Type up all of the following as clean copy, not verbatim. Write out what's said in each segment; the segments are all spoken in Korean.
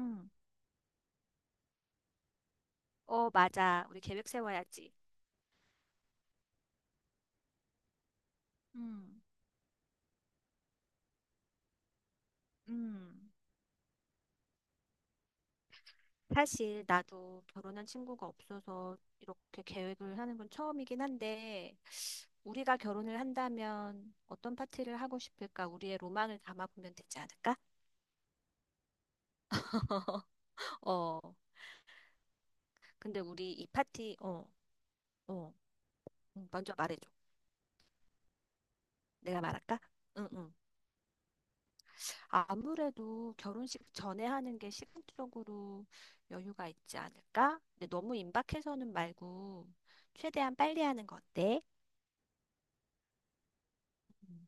응. 어, 맞아. 우리 계획 세워야지. 음, 음, 사실 나도 결혼한 친구가 없어서 이렇게 계획을 하는 건 처음이긴 한데 우리가 결혼을 한다면 어떤 파티를 하고 싶을까? 우리의 로망을 담아보면 되지 않을까? 어, 근데 우리 이 파티, 어, 응, 먼저 말해줘. 내가 말할까? 응, 응. 아무래도 결혼식 전에 하는 게 시간적으로 여유가 있지 않을까? 근데 너무 임박해서는 말고 최대한 빨리 하는 거 어때? 음.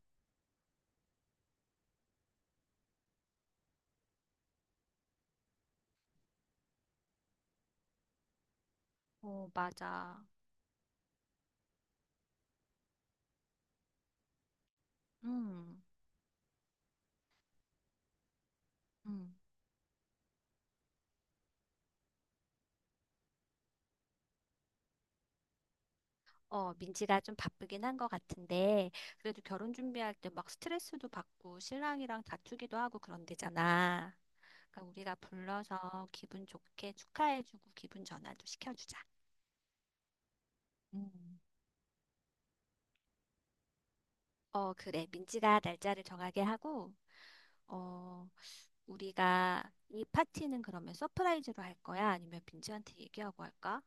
어, 맞아. 음, 음. 어, 민지가 좀 바쁘긴 한 것 같은데, 그래도 결혼 준비할 때 막 스트레스도 받고 신랑이랑 다투기도 하고 그런데잖아. 그러니까 우리가 불러서 기분 좋게 축하해주고 기분 전환도 시켜주자. 음. 어, 그래. 민지가 날짜를 정하게 하고, 어, 우리가 이 파티는 그러면 서프라이즈로 할 거야? 아니면 민지한테 얘기하고 할까?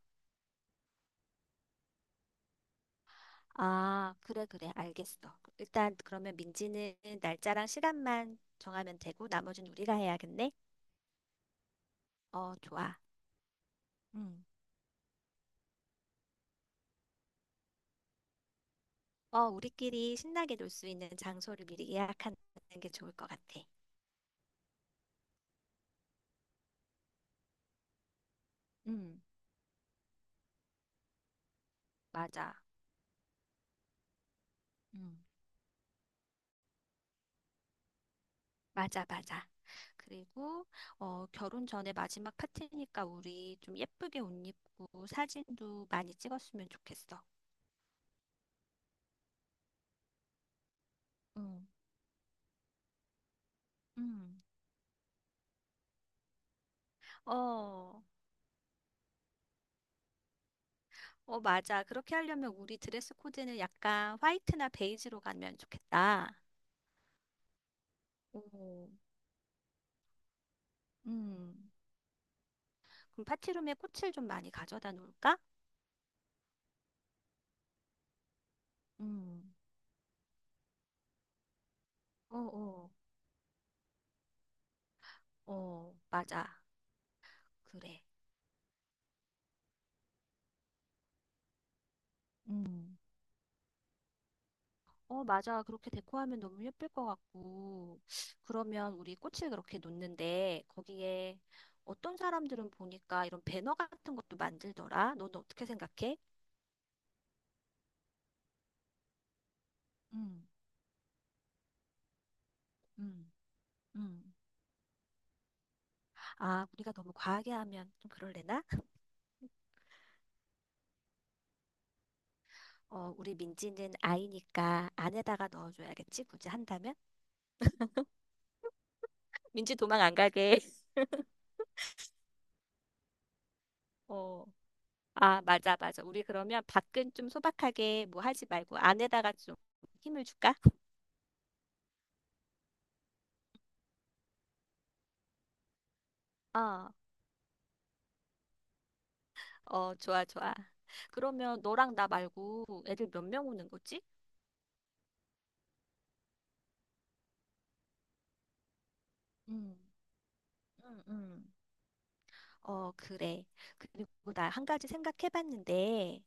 아, 그래, 그래, 알겠어. 일단 그러면 민지는 날짜랑 시간만 정하면 되고 나머지는 우리가 해야겠네? 어, 좋아. 응, 우리끼리 신나게 놀 수 있는 장소를 미리 예약하는 게 좋을 것 같아. 응, 맞아. 응. 맞아, 맞아. 그리고 결혼 전에 마지막 파티니까 우리 좀 예쁘게 옷 입고 사진도 많이 찍었으면 좋겠어. 응, 응. 어, 어, 맞아. 그렇게 하려면 우리 드레스 코드는 약간 화이트나 베이지로 가면 좋겠다. 오, 음, 그럼 파티룸에 꽃을 좀 많이 가져다 놓을까? 음, 어, 어, 어, 맞아. 그래. 음. 어, 맞아. 그렇게 데코하면 너무 예쁠 것 같고. 그러면 우리 꽃을 그렇게 놓는데 거기에 어떤 사람들은 보니까 이런 배너 같은 것도 만들더라. 넌 어떻게 생각해? 음, 음, 음. 아, 우리가 너무 과하게 하면 좀 그럴래나? 어, 우리 민지는 아이니까 안에다가 넣어줘야겠지? 굳이 한다면? 민지 도망 안 가게. 어, 아, 맞아, 맞아. 우리 그러면 밖은 좀 소박하게 뭐 하지 말고 안에다가 좀 힘을 줄까? 어. 어, 좋아, 좋아. 그러면 너랑 나 말고 애들 몇 명 오는 거지? 응, 응, 응. 어, 그래. 그리고 나 한 가지 생각해봤는데,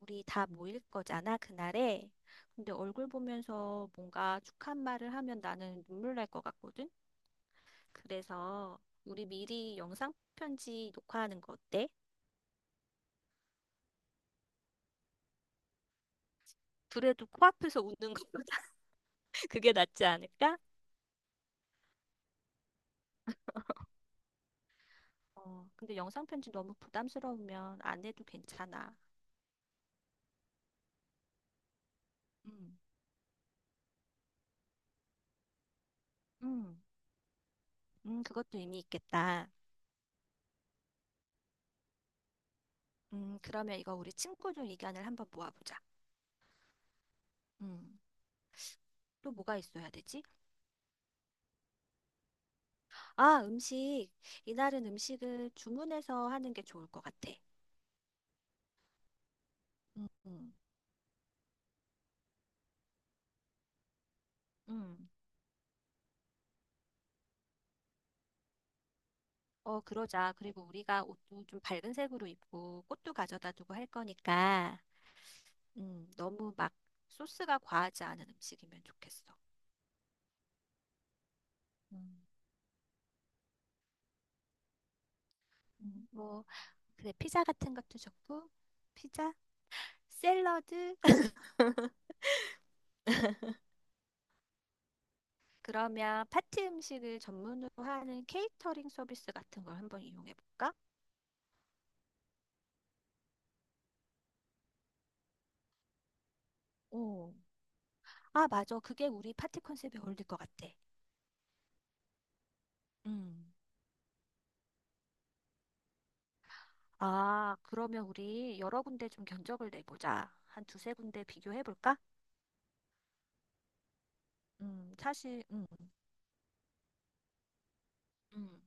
우리 다 모일 거잖아, 그날에. 근데 얼굴 보면서 뭔가 축한 말을 하면 나는 눈물 날 것 같거든? 그래서 우리 미리 영상 편지 녹화하는 거 어때? 그래도 코앞에서 웃는 것보다 그게 낫지 않을까? 어, 근데 영상 편지 너무 부담스러우면 안 해도 괜찮아. 응, 응. 그것도 의미 있겠다. 그러면 이거 우리 친구들 의견을 한번 모아보자. 음, 또 뭐가 있어야 되지? 아, 음식. 이날은 음식을 주문해서 하는 게 좋을 것 같아. 음, 음, 음. 어, 그러자. 그리고 우리가 옷도 좀 밝은 색으로 입고 꽃도 가져다 두고 할 거니까, 너무 막 소스가 과하지 않은 음식이면 좋겠어. 음, 뭐, 그래, 피자 같은 것도 좋고, 피자, 샐러드, 그러면 파티 음식을 전문으로 하는 케이터링 서비스 같은 걸 한번 이용해 볼까? 오, 아, 맞아. 그게 우리 파티 컨셉에 어울릴 것 같아. 음, 아, 그러면 우리 여러 군데 좀 견적을 내보자. 한 두세 군데 비교해 볼까? 사실, 음,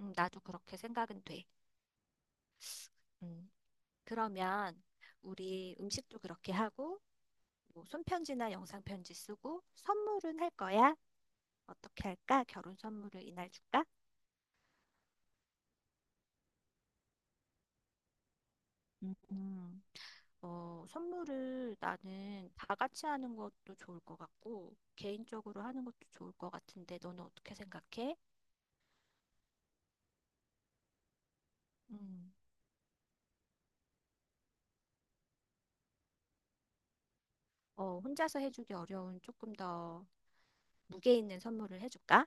나도 그렇게 생각은 돼. 음, 그러면 우리 음식도 그렇게 하고, 뭐 손편지나 영상편지 쓰고, 선물은 할 거야? 어떻게 할까? 결혼 선물을 이날 줄까? 음. 어, 선물을 나는 다 같이 하는 것도 좋을 것 같고, 개인적으로 하는 것도 좋을 것 같은데, 너는 어떻게 생각해? 음. 어, 혼자서 해주기 어려운 조금 더 무게 있는 선물을 해줄까?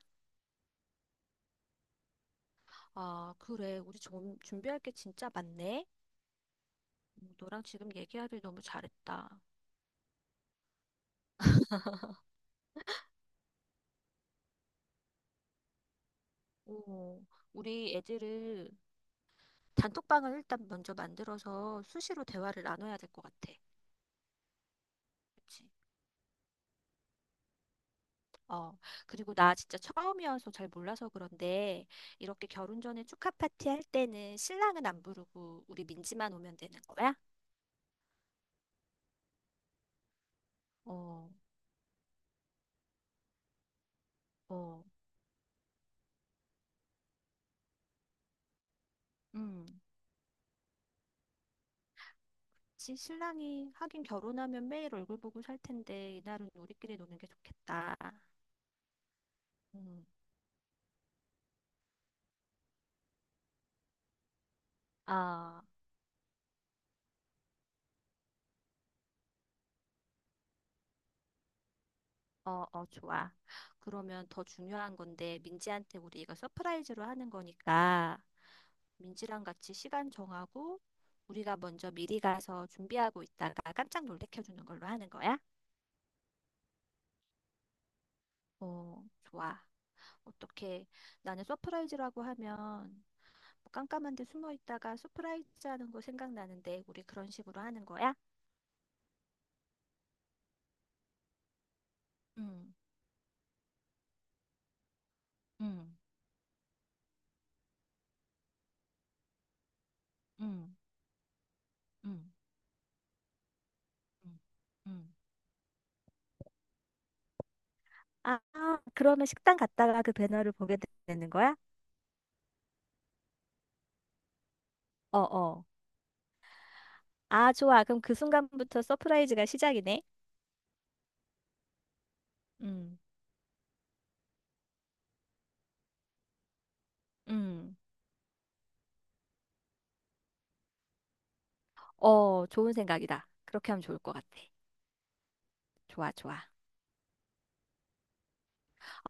아, 그래. 우리 좀 준비할 게 진짜 많네. 너랑 지금 얘기하길 너무 잘했다. 오, 우리 애들을 단톡방을 일단 먼저 만들어서 수시로 대화를 나눠야 될 것 같아. 그치? 어, 그리고 나 진짜 처음이어서 잘 몰라서 그런데 이렇게 결혼 전에 축하 파티 할 때는 신랑은 안 부르고 우리 민지만 오면 되는 거야? 어, 어, 음. 그치, 신랑이 하긴 결혼하면 매일 얼굴 보고 살 텐데 이날은 우리끼리 노는 게 좋겠다. 음. 아, 어, 어, 좋아. 그러면 더 중요한 건데 민지한테 우리가 서프라이즈로 하는 거니까 민지랑 같이 시간 정하고 우리가 먼저 미리 가서 준비하고 있다가 깜짝 놀래켜 주는 걸로 하는 거야? 어, 좋아. 어떻게, 나는 서프라이즈라고 하면 뭐 깜깜한 데 숨어 있다가 서프라이즈 하는 거 생각나는데 우리 그런 식으로 하는 거야? 응, 응, 응, 응, 응, 응. 아, 아, 그러면 식당 갔다가 그 배너를 보게 되는 거야? 어, 어. 아, 좋아. 그럼 그 순간부터 서프라이즈가 시작이네. 응, 응. 어, 좋은 생각이다. 그렇게 하면 좋을 것 같아. 좋아, 좋아.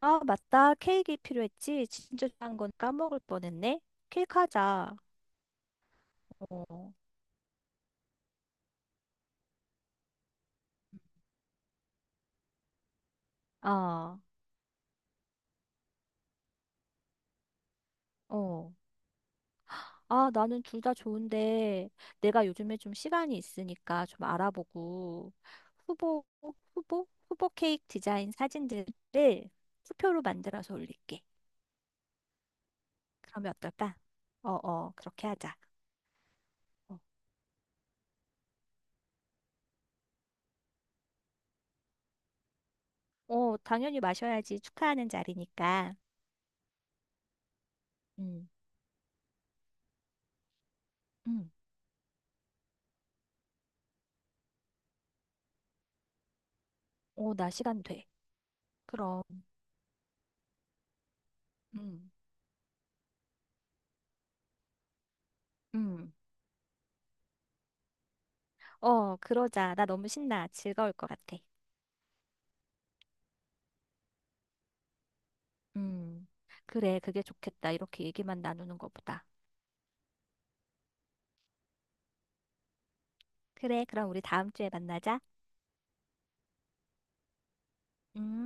아, 맞다. 케이크 필요했지. 진짜 좋아하는 건 까먹을 뻔했네. 케이크 하자. 어. 아, 어. 아, 나는 둘 다 좋은데 내가 요즘에 좀 시간이 있으니까 좀 알아보고 후보, 후보 케이크 디자인 사진들을 투표로 만들어서 올릴게. 그러면 어떨까? 어, 어, 그렇게 하자. 어, 어, 당연히 마셔야지. 축하하는 자리니까. 음, 음. 어, 나 시간 돼. 그럼, 음, 음, 어, 그러자. 나 너무 신나. 즐거울 것 같아. 음. 그래, 그게 좋겠다. 이렇게 얘기만 나누는 것보다. 그래, 그럼 우리 다음 주에 만나자. 음.